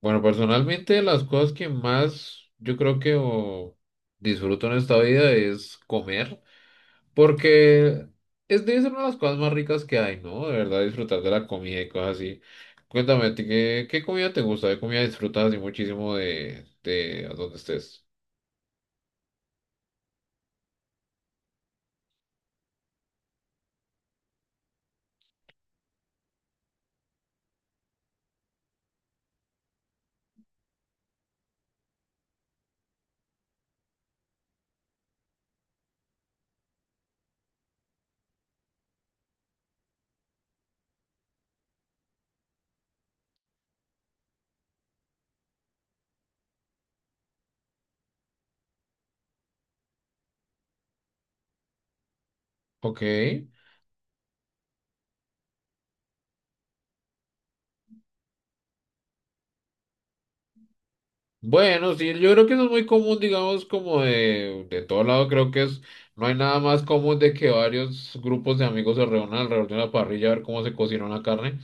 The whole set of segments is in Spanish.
Bueno, personalmente las cosas que más yo creo que disfruto en esta vida es comer, porque es de ser una de las cosas más ricas que hay, ¿no? De verdad, disfrutar de la comida y cosas así. Cuéntame, ¿a ti qué comida te gusta? ¿Qué comida disfrutas así muchísimo de donde estés? Ok. Bueno, sí, yo creo que eso es muy común, digamos, como de todo lado, creo que es, no hay nada más común de que varios grupos de amigos se reúnan alrededor de una parrilla a ver cómo se cocina una carne.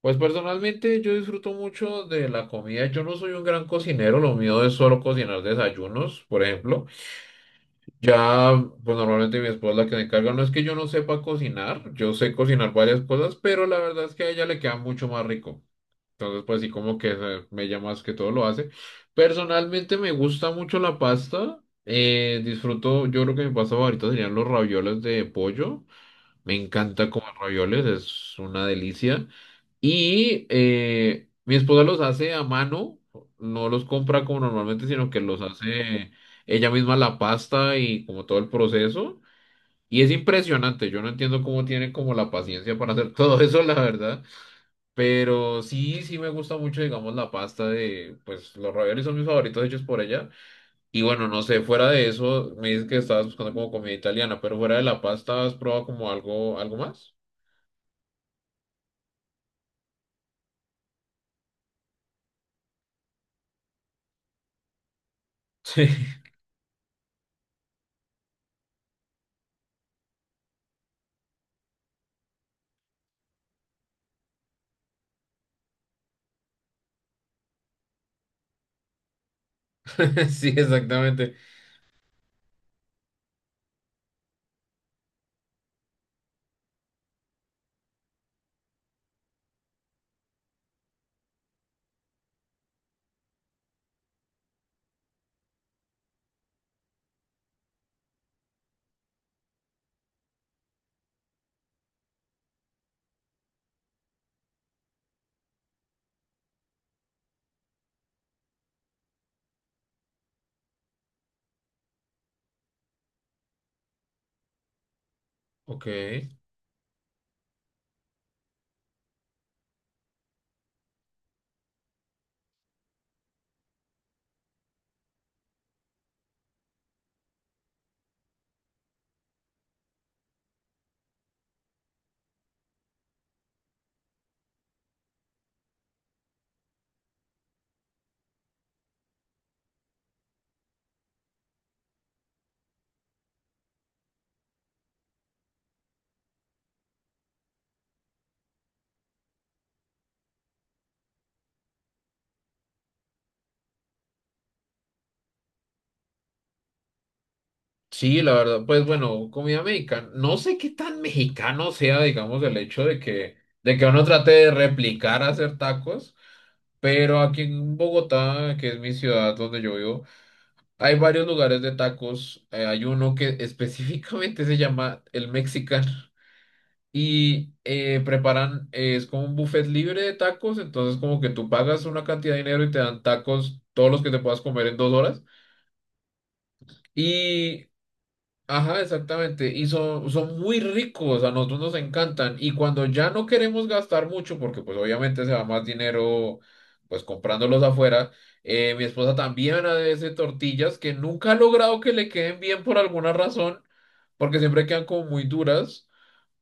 Pues personalmente yo disfruto mucho de la comida. Yo no soy un gran cocinero, lo mío es solo cocinar desayunos, por ejemplo. Ya, pues normalmente mi esposa es la que se encarga. No es que yo no sepa cocinar, yo sé cocinar varias cosas, pero la verdad es que a ella le queda mucho más rico. Entonces, pues sí, como que ella más que todo lo hace. Personalmente me gusta mucho la pasta. Disfruto, yo creo que mi pasta favorita serían los ravioles de pollo. Me encanta comer ravioles, es una delicia. Y mi esposa los hace a mano, no los compra como normalmente, sino que los hace ella misma la pasta y como todo el proceso. Y es impresionante, yo no entiendo cómo tiene como la paciencia para hacer todo eso, la verdad. Pero sí, sí me gusta mucho, digamos, la pasta de, pues los raviolis son mis favoritos hechos por ella. Y bueno, no sé, fuera de eso, me dices que estabas buscando como comida italiana, pero fuera de la pasta, ¿has probado como algo, algo más? Sí, sí, exactamente. Ok. Sí, la verdad, pues bueno, comida mexicana. No sé qué tan mexicano sea, digamos, el hecho de que uno trate de replicar hacer tacos, pero aquí en Bogotá, que es mi ciudad donde yo vivo, hay varios lugares de tacos. Hay uno que específicamente se llama el Mexican y preparan, es como un buffet libre de tacos, entonces como que tú pagas una cantidad de dinero y te dan tacos, todos los que te puedas comer en dos horas. Y ajá, exactamente. Y son, son muy ricos, a nosotros nos encantan. Y cuando ya no queremos gastar mucho, porque pues obviamente se va más dinero pues comprándolos afuera, mi esposa también hace tortillas que nunca ha logrado que le queden bien por alguna razón, porque siempre quedan como muy duras,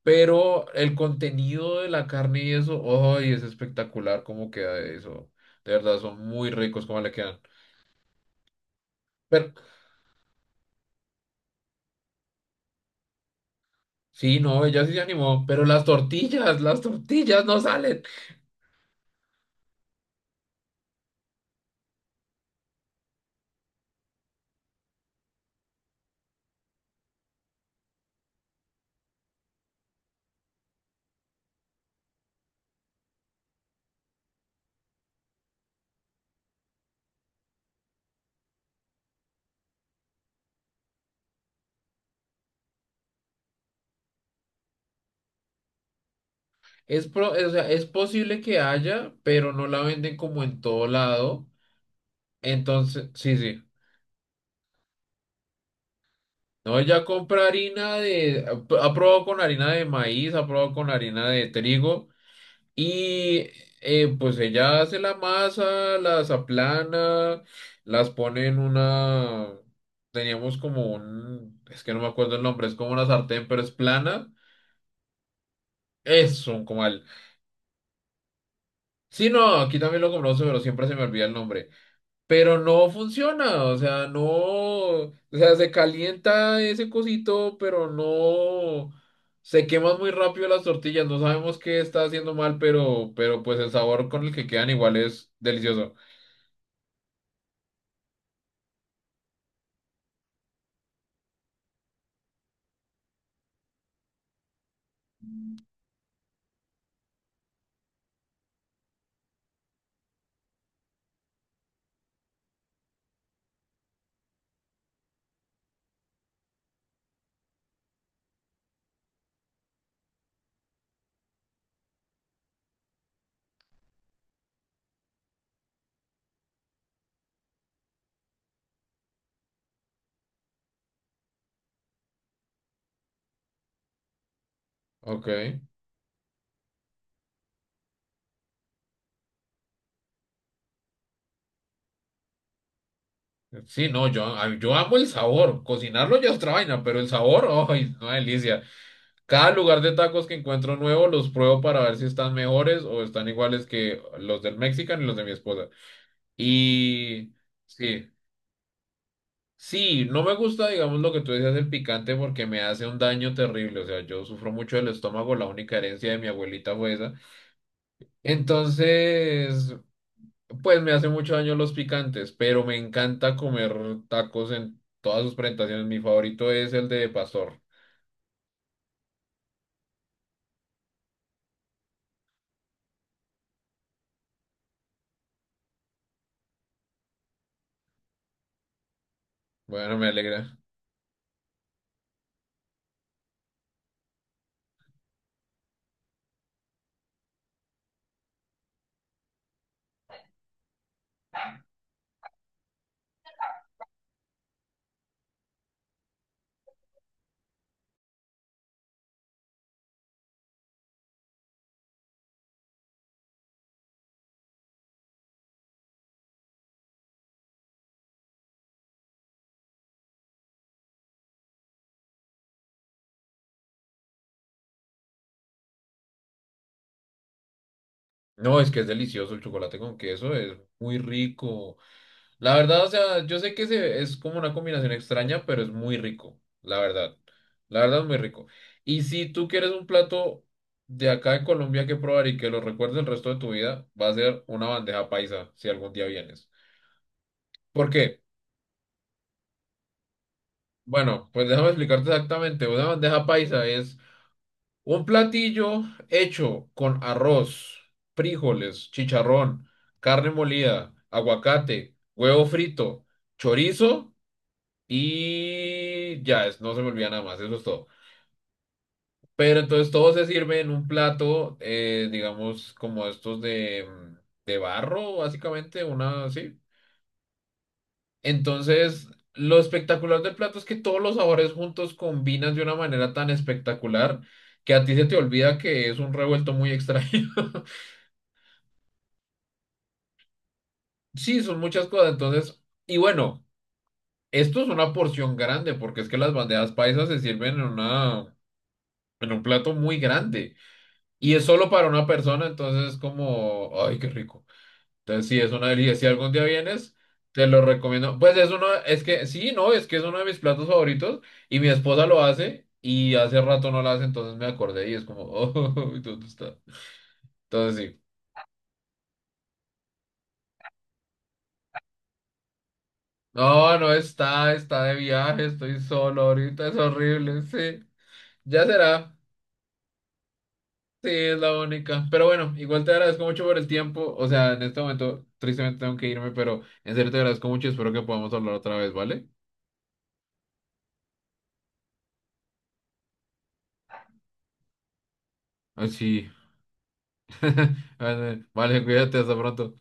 pero el contenido de la carne y eso, ¡ay, es espectacular cómo queda eso! De verdad, son muy ricos cómo le quedan. Pero sí, no, ella sí se animó, pero las tortillas no salen. Es, pro- o sea, es posible que haya, pero no la venden como en todo lado. Entonces, sí, sí. No, ella compra harina de... Ha probado con harina de maíz, ha probado con harina de trigo. Y pues ella hace la masa, las aplana, las pone en una... Teníamos como un... Es que no me acuerdo el nombre, es como una sartén, pero es plana. Es un comal. Sí, no, aquí también lo compramos, pero siempre se me olvida el nombre. Pero no funciona, o sea, no, o sea, se calienta ese cosito, pero no, se queman muy rápido las tortillas, no sabemos qué está haciendo mal, pero pues el sabor con el que quedan igual es delicioso. Ok, sí, no, yo, a- yo amo el sabor, cocinarlo ya es otra vaina, pero el sabor, ay, una delicia. Cada lugar de tacos que encuentro nuevo los pruebo para ver si están mejores o están iguales que los del Mexican y los de mi esposa. Y... Sí. Sí, no me gusta, digamos, lo que tú decías del picante porque me hace un daño terrible. O sea, yo sufro mucho del estómago, la única herencia de mi abuelita fue esa. Entonces, pues me hace mucho daño los picantes, pero me encanta comer tacos en todas sus presentaciones. Mi favorito es el de pastor. Bueno, me alegra. No, es que es delicioso el chocolate con queso, es muy rico. La verdad, o sea, yo sé que se- es como una combinación extraña, pero es muy rico, la verdad. La verdad es muy rico. Y si tú quieres un plato de acá de Colombia que probar y que lo recuerdes el resto de tu vida, va a ser una bandeja paisa, si algún día vienes. ¿Por qué? Bueno, pues déjame explicarte exactamente. Una bandeja paisa es un platillo hecho con arroz, frijoles, chicharrón, carne molida, aguacate, huevo frito, chorizo. Y ya, es- no se me olvida nada más, eso es todo. Pero entonces todo se sirve en un plato, digamos, como estos de barro, básicamente, una así. Entonces, lo espectacular del plato es que todos los sabores juntos combinan de una manera tan espectacular que a ti se te olvida que es un revuelto muy extraño. Sí, son muchas cosas, entonces, y bueno, esto es una porción grande, porque es que las bandejas paisas se sirven en una, en un plato muy grande. Y es solo para una persona, entonces es como, ay, qué rico. Entonces, sí, es una delicia. Si algún día vienes, te lo recomiendo. Pues es uno, es que, sí, no, es que es uno de mis platos favoritos y mi esposa lo hace y hace rato no lo hace, entonces me acordé y es como, oh, ¿dónde está? Entonces, sí. No, no está, está de viaje, estoy solo ahorita, es horrible, sí. Ya será. Sí, es la única. Pero bueno, igual te agradezco mucho por el tiempo. O sea, en este momento, tristemente tengo que irme, pero en serio te agradezco mucho y espero que podamos hablar otra vez, ¿vale? Ah, sí, vale, cuídate, hasta pronto.